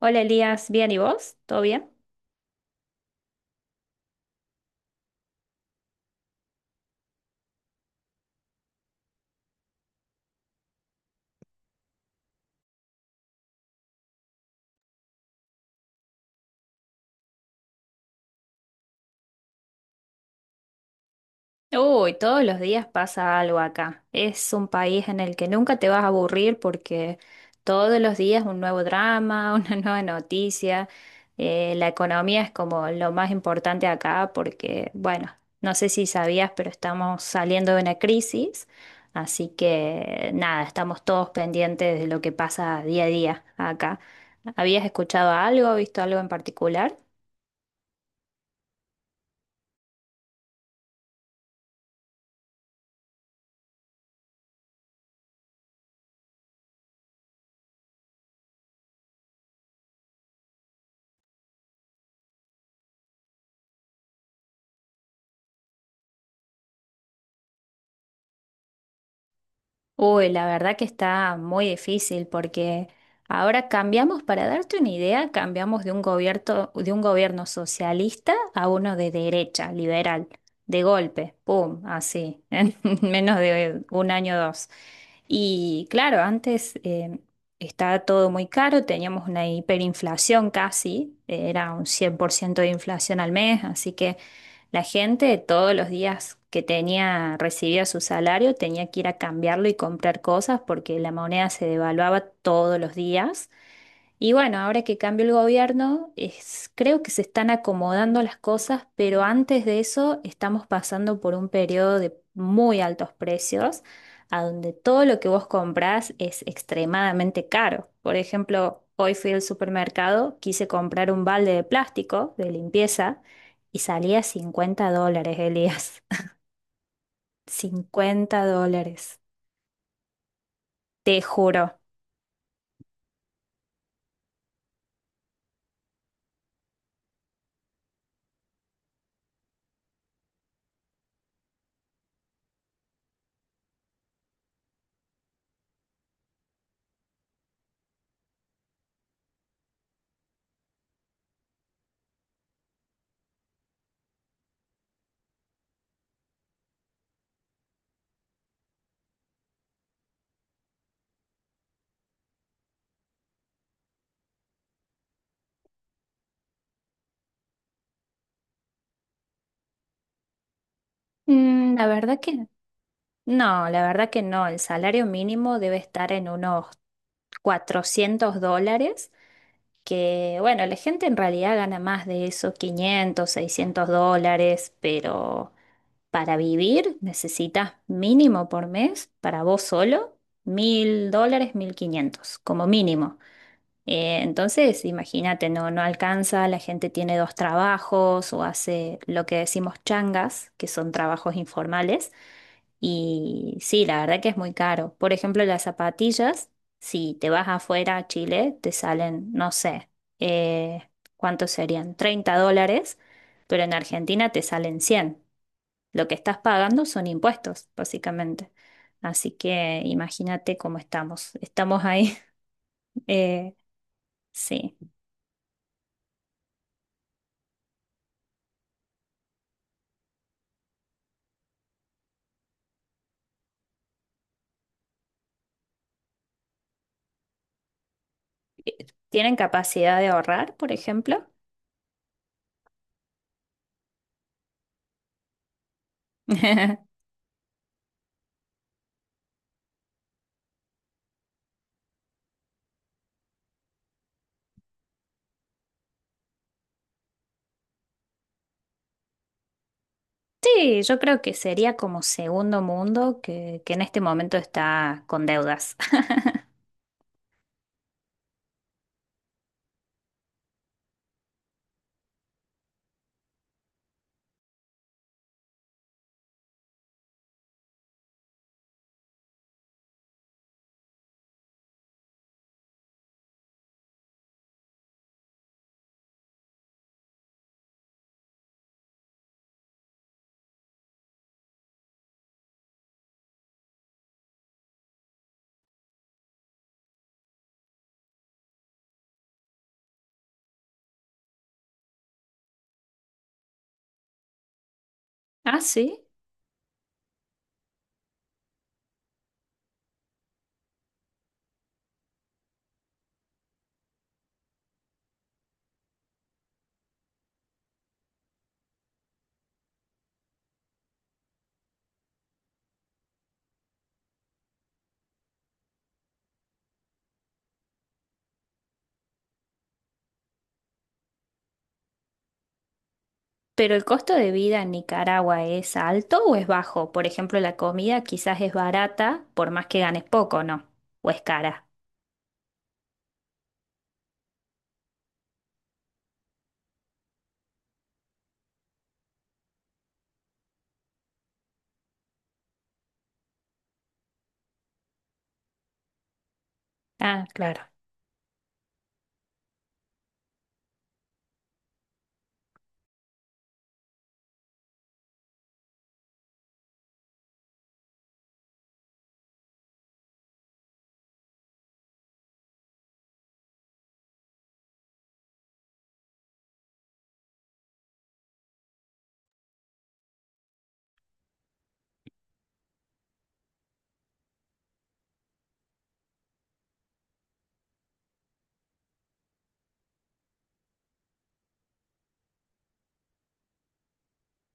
Hola Elías, ¿bien y vos? ¿Todo bien? Uy, todos los días pasa algo acá. Es un país en el que nunca te vas a aburrir porque todos los días un nuevo drama, una nueva noticia. La economía es como lo más importante acá porque, bueno, no sé si sabías, pero estamos saliendo de una crisis. Así que nada, estamos todos pendientes de lo que pasa día a día acá. ¿Habías escuchado algo, visto algo en particular? Uy, la verdad que está muy difícil porque ahora cambiamos, para darte una idea, cambiamos de un gobierno socialista a uno de derecha, liberal, de golpe, pum, así, en menos de un año o dos. Y claro, antes estaba todo muy caro, teníamos una hiperinflación casi, era un 100% de inflación al mes, así que la gente todos los días que tenía, recibía su salario, tenía que ir a cambiarlo y comprar cosas porque la moneda se devaluaba todos los días. Y bueno, ahora que cambió el gobierno, creo que se están acomodando las cosas, pero antes de eso estamos pasando por un periodo de muy altos precios, a donde todo lo que vos comprás es extremadamente caro. Por ejemplo, hoy fui al supermercado, quise comprar un balde de plástico de limpieza y salía $50, Elías. $50, te juro. Mm, la verdad que no, la verdad que no. El salario mínimo debe estar en unos $400, que bueno, la gente en realidad gana más de eso, 500, $600, pero para vivir necesitas mínimo por mes, para vos solo, $1000, 1500, como mínimo. Entonces, imagínate, no, no alcanza, la gente tiene dos trabajos o hace lo que decimos changas, que son trabajos informales. Y sí, la verdad que es muy caro. Por ejemplo, las zapatillas, si te vas afuera a Chile, te salen, no sé, eh, ¿cuántos serían? $30, pero en Argentina te salen 100. Lo que estás pagando son impuestos, básicamente. Así que imagínate cómo estamos. Estamos ahí. eh, sí. ¿Tienen capacidad de ahorrar, por ejemplo? Sí, yo creo que sería como segundo mundo que en este momento está con deudas. Ah, sí. ¿Pero el costo de vida en Nicaragua es alto o es bajo? Por ejemplo, la comida quizás es barata, por más que ganes poco, ¿no? ¿O es cara? Ah, claro.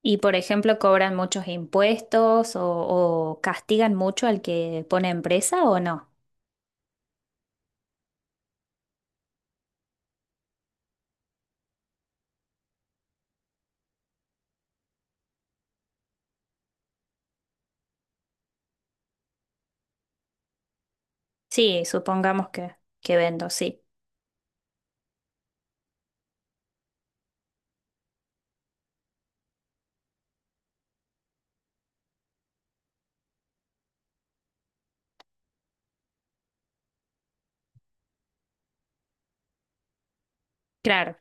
Y por ejemplo, ¿cobran muchos impuestos o castigan mucho al que pone empresa o no? Sí, que vendo, sí. Claro.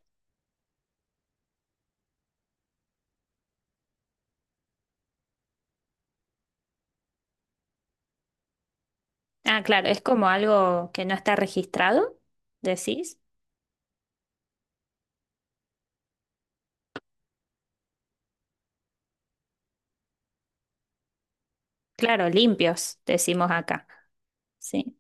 Ah, claro, es como algo que no está registrado, decís. Claro, limpios, decimos acá. Sí.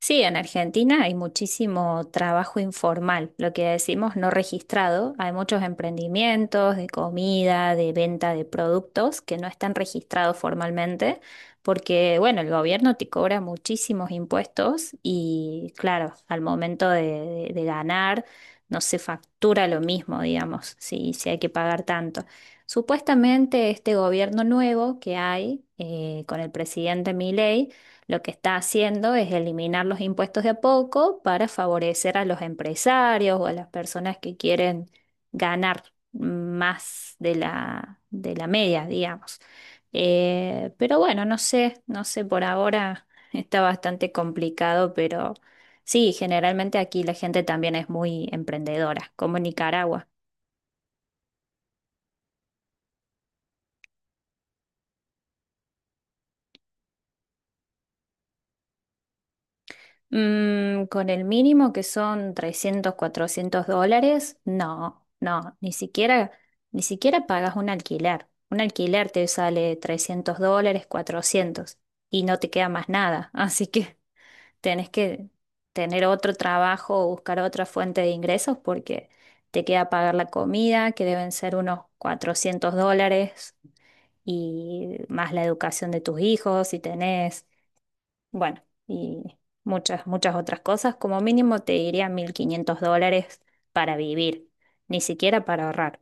Sí, en Argentina hay muchísimo trabajo informal, lo que decimos no registrado. Hay muchos emprendimientos de comida, de venta de productos que no están registrados formalmente porque, bueno, el gobierno te cobra muchísimos impuestos y, claro, al momento de, de ganar no se factura lo mismo, digamos, si hay que pagar tanto. Supuestamente este gobierno nuevo que hay con el presidente Milei lo que está haciendo es eliminar los impuestos de a poco para favorecer a los empresarios o a las personas que quieren ganar más de de la media, digamos. Pero bueno, no sé, no sé, por ahora está bastante complicado, pero sí, generalmente aquí la gente también es muy emprendedora, como en Nicaragua. Mm, con el mínimo que son $300 $400, no, no, ni siquiera pagas un alquiler. Un alquiler te sale $300, 400 y no te queda más nada. Así que tenés que tener otro trabajo o buscar otra fuente de ingresos porque te queda pagar la comida, que deben ser unos $400 y más la educación de tus hijos si tenés. Bueno, y muchas otras cosas. Como mínimo te diría $1500 para vivir, ni siquiera para ahorrar.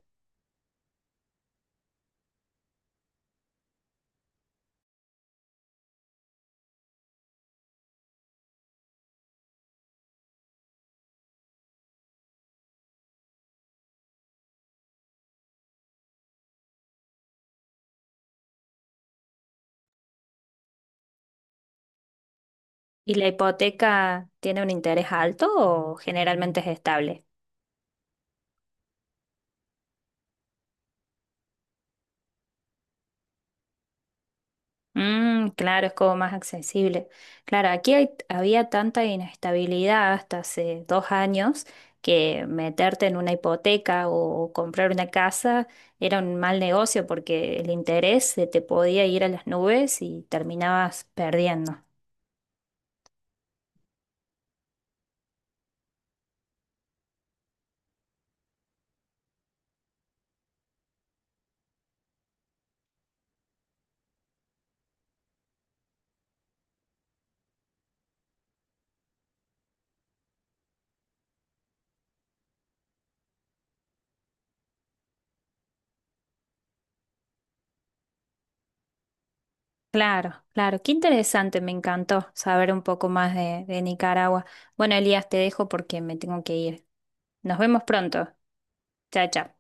¿Y la hipoteca tiene un interés alto o generalmente es estable? Mm, claro, es como más accesible. Claro, aquí había tanta inestabilidad hasta hace 2 años que meterte en una hipoteca o comprar una casa era un mal negocio porque el interés se te podía ir a las nubes y terminabas perdiendo. Claro, claro, qué interesante, me encantó saber un poco más de Nicaragua. Bueno, Elías, te dejo porque me tengo que ir. Nos vemos pronto. Chao, chao.